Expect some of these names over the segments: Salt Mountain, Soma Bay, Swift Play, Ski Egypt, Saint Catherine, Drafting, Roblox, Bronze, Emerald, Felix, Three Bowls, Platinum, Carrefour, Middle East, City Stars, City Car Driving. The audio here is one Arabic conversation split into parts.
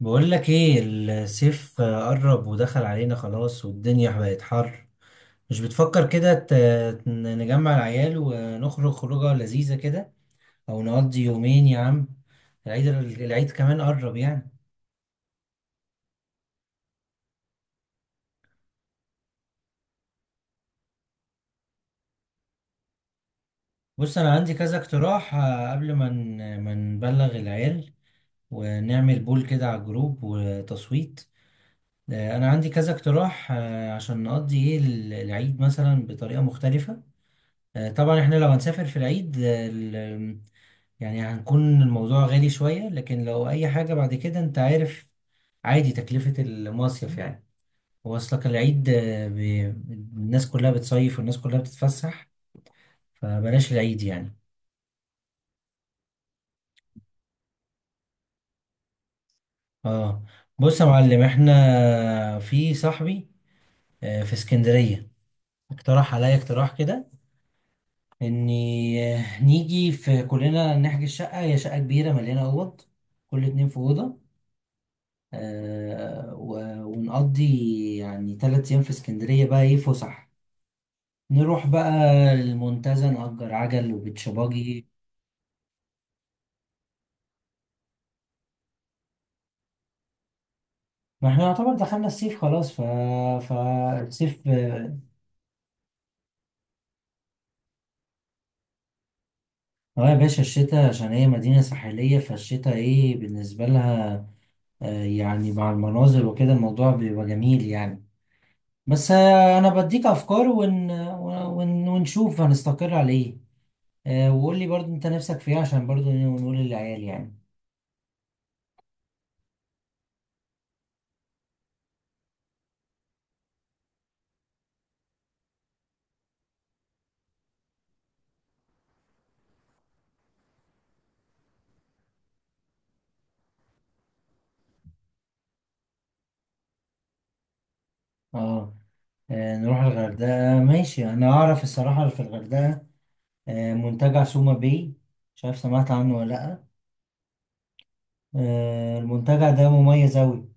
بقول لك ايه. الصيف قرب ودخل علينا خلاص، والدنيا بقت حر. مش بتفكر كده نجمع العيال ونخرج خروجه لذيذة كده، او نقضي يومين يا عم العيد؟ العيد كمان قرب يعني. بص انا عندي كذا اقتراح، قبل ما نبلغ العيال ونعمل بول كده على الجروب وتصويت. انا عندي كذا اقتراح، عشان نقضي ايه العيد مثلا بطريقة مختلفة. طبعا احنا لو هنسافر في العيد يعني هنكون الموضوع غالي شوية، لكن لو أي حاجة بعد كده أنت عارف عادي تكلفة المصيف يعني. هو أصلك العيد الناس كلها بتصيف والناس كلها بتتفسح، فبلاش العيد يعني. اه. بص يا معلم، احنا في صاحبي في اسكندرية اقترح عليا اقتراح كده، اني نيجي في كلنا نحجز شقة. هي شقة كبيرة مليانة أوض، كل اتنين في أوضة. ونقضي يعني تلات أيام في اسكندرية بقى إيه فسح. نروح بقى المنتزه، نأجر عجل وبتشباجي. ما احنا يعتبر دخلنا الصيف خلاص فالصيف اه. آه يا باشا، الشتاء عشان هي مدينة ساحلية، فالشتاء ايه بالنسبة لها. آه يعني مع المناظر وكده الموضوع بيبقى جميل يعني. بس آه انا بديك افكار ونشوف هنستقر على ايه. آه، وقول لي برضو انت نفسك في ايه عشان برضو نقول للعيال يعني. اه. نروح الغردقة ماشي. أنا أعرف الصراحة في الغردقة منتجع سوما باي. مش عارف سمعت عنه ولا لأ؟ المنتجع ده مميز أوي.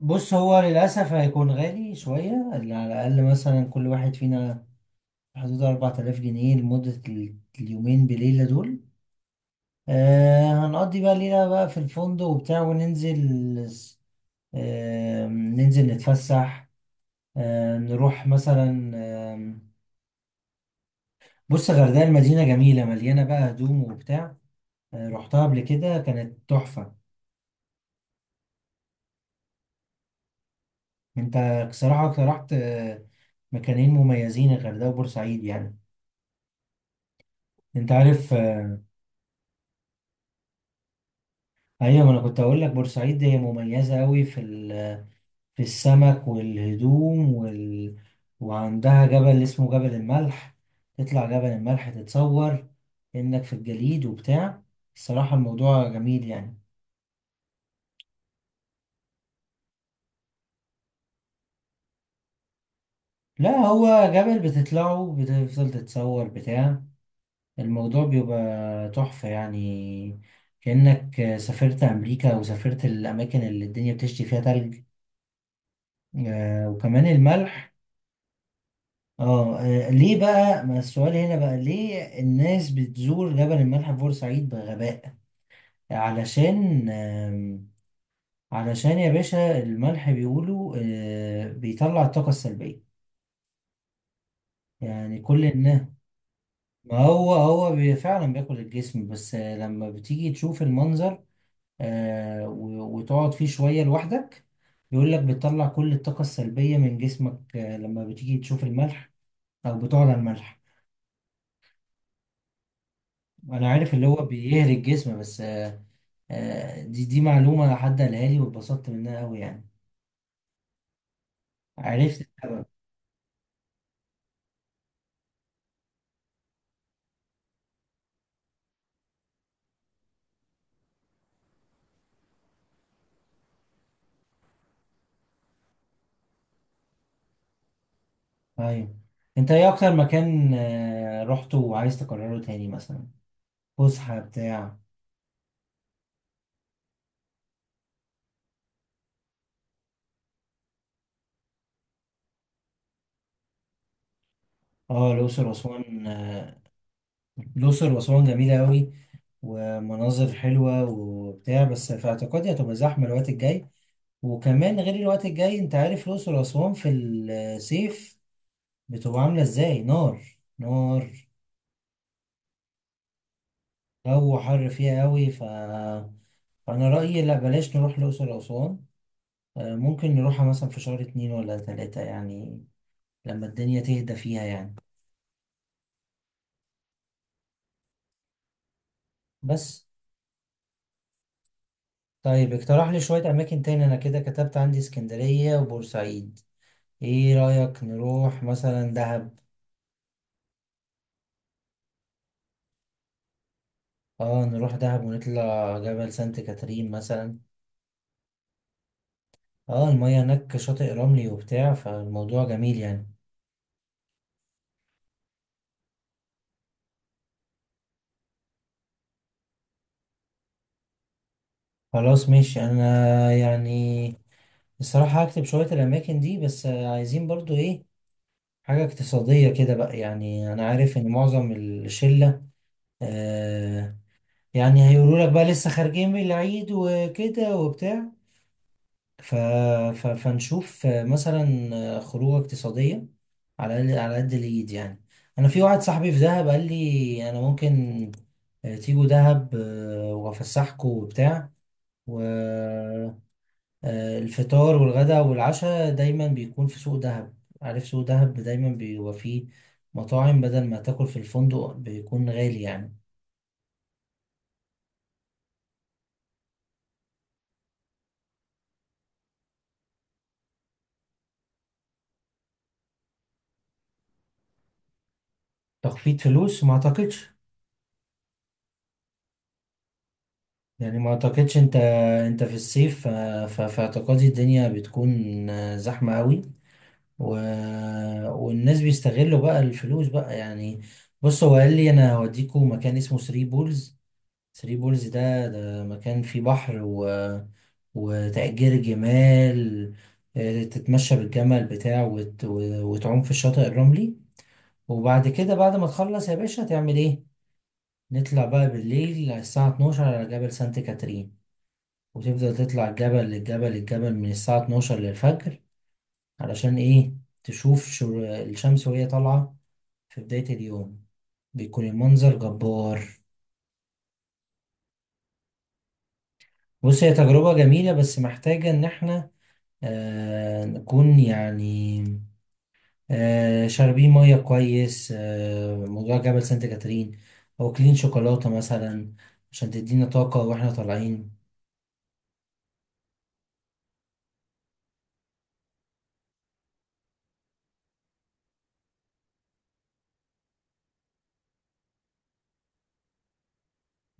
بص هو للأسف هيكون غالي شوية، اللي على الأقل مثلا كل واحد فينا في حدود 4000 جنيه لمدة اليومين بليلة دول. آه، هنقضي بقى ليلة بقى في الفندق وبتاع وننزل، آه ننزل نتفسح. آه نروح مثلا، بص الغردقة المدينة جميلة، مليانة بقى هدوم وبتاع. رحتها قبل كده كانت تحفة. انت بصراحة اقترحت مكانين مميزين، الغردقة وبورسعيد يعني. انت عارف، ايوه ما انا كنت اقول لك بورسعيد هي مميزة قوي في السمك والهدوم وعندها جبل اسمه جبل الملح. تطلع جبل الملح، تتصور انك في الجليد وبتاع. الصراحة الموضوع جميل يعني. لا هو جبل بتطلعه، بتفضل تتصور بتاع، الموضوع بيبقى تحفة يعني. كأنك سافرت أمريكا وسافرت الأماكن اللي الدنيا بتشتي فيها تلج، آه وكمان الملح. اه. ليه بقى؟ ما السؤال هنا بقى، ليه الناس بتزور جبل الملح في بورسعيد بغباء؟ علشان علشان يا باشا الملح بيقولوا آه بيطلع الطاقة السلبية يعني كل الناس. ما هو هو فعلا بياكل الجسم، بس آه، لما بتيجي تشوف المنظر، وتقعد فيه شوية لوحدك، بيقول لك بتطلع كل الطاقة السلبية من جسمك آه، لما بتيجي تشوف الملح أو بتقعد على الملح. أنا عارف اللي هو بيهري الجسم، بس آه، دي معلومة حد قالها لي واتبسطت منها أوي يعني، عرفت السبب. أيوة. أنت إيه أكتر مكان رحته وعايز تكرره تاني مثلا، فسحة بتاع؟ اه الأقصر وأسوان الأقصر وأسوان جميلة أوي، ومناظر حلوة وبتاع، بس في اعتقادي هتبقى زحمة الوقت الجاي. وكمان غير الوقت الجاي انت عارف الأقصر وأسوان في الصيف بتبقى عاملة ازاي. نار نار، جو حر فيها قوي، فأنا رأيي لا بلاش نروح الأقصر وأسوان. ممكن نروحها مثلا في شهر اتنين ولا تلاتة يعني، لما الدنيا تهدى فيها يعني. بس طيب، اقترح لي شوية أماكن تاني. أنا كده كتبت عندي اسكندرية وبورسعيد، ايه رأيك نروح مثلا دهب؟ اه، نروح دهب ونطلع جبل سانت كاترين مثلا. اه المية هناك شاطئ رملي وبتاع، فالموضوع جميل يعني. خلاص ماشي انا يعني الصراحة هكتب شوية الأماكن دي، بس عايزين برضو ايه، حاجة اقتصادية كده بقى يعني. أنا عارف إن معظم الشلة آه يعني هيقولوا لك بقى لسه خارجين من العيد وكده وبتاع، ف... فنشوف مثلا خروجة اقتصادية على على قد الإيد يعني. أنا في واحد صاحبي في دهب قال لي أنا ممكن تيجوا دهب وأفسحكوا وبتاع، والفطار والغداء والعشاء دايما بيكون في سوق دهب. عارف سوق دهب دايما بيبقى فيه مطاعم، بدل ما تاكل في الفندق بيكون غالي يعني. تخفيض فلوس ما أعتقدش، يعني ما اعتقدش. انت انت في الصيف في اعتقادي الدنيا بتكون زحمة قوي و... والناس بيستغلوا بقى الفلوس بقى يعني. بص هو قال لي انا هوديكوا مكان اسمه ثري بولز. ثري بولز ده مكان فيه بحر وتأجير جمال، تتمشى بالجمل بتاعه وتعوم في الشاطئ الرملي. وبعد كده بعد ما تخلص يا باشا هتعمل ايه؟ نطلع بقى بالليل على الساعة 12 على جبل سانت كاترين، وتفضل تطلع الجبل للجبل. من الساعة 12 للفجر. علشان إيه؟ تشوف الشمس وهي طالعة في بداية اليوم، بيكون المنظر جبار. بص هي تجربة جميلة، بس محتاجة إن إحنا آه نكون يعني آه شاربين مية كويس. آه موضوع جبل سانت كاترين، أو أكلين شوكولاتة مثلا عشان تدينا طاقة وإحنا طالعين.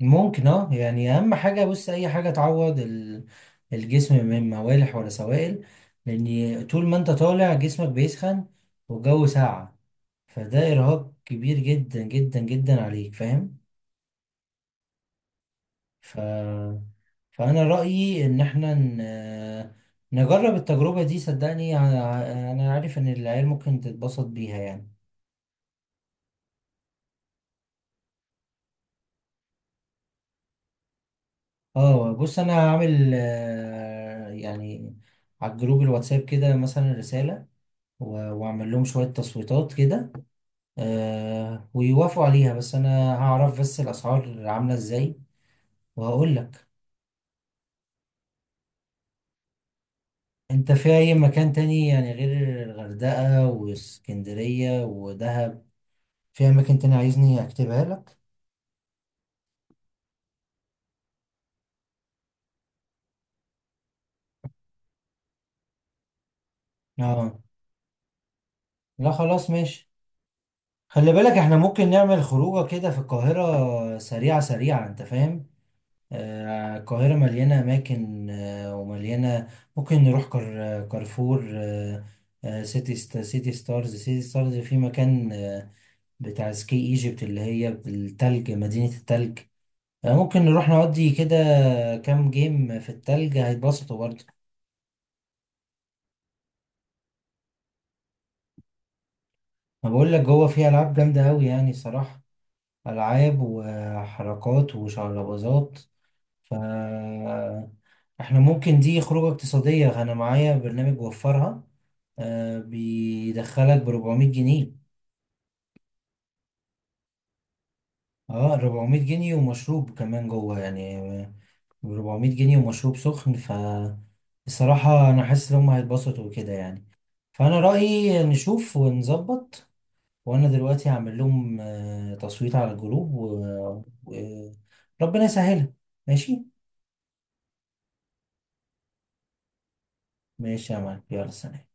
ممكن اه يعني. اهم حاجه بص اي حاجه تعوض الجسم من موالح ولا سوائل. لان طول ما انت طالع جسمك بيسخن والجو ساقع، فده ارهاق كبير جدا جدا جدا عليك فاهم. ف... فانا رايي ان احنا نجرب التجربه دي. صدقني، انا عارف ان العيال ممكن تتبسط بيها يعني. اه. بص انا هعمل يعني على الجروب الواتساب كده مثلا رساله، واعمل لهم شوية تصويتات كده آه ويوافقوا عليها. بس انا هعرف بس الاسعار عاملة ازاي وهقول لك. انت في اي مكان تاني يعني غير الغردقة واسكندرية ودهب؟ في اماكن تاني عايزني اكتبها لك؟ اه. لا خلاص ماشي. خلي بالك احنا ممكن نعمل خروجه كده في القاهرة سريعة سريعة انت فاهم. القاهرة مليانة أماكن ومليانة. ممكن نروح كارفور، سيتي ستارز. في مكان بتاع سكي ايجيبت اللي هي التلج، مدينة التلج. ممكن نروح نودي كده كام جيم في التلج، هيتبسطوا برضه. ما بقول لك جوه فيه ألعاب جامدة أوي يعني صراحة، ألعاب وحركات وشعلبازات. ف احنا ممكن دي خروجة اقتصادية. أنا معايا برنامج وفرها آه بيدخلك ب 400 جنيه. اه 400 جنيه ومشروب كمان جوه يعني، ب 400 جنيه ومشروب سخن. ف بصراحة أنا حاسس إن هما هيتبسطوا وكده يعني، فأنا رأيي نشوف ونظبط. وأنا دلوقتي هعمل لهم تصويت على الجروب وربنا يسهلها. ماشي. ماشي يا معلم يلا سلام.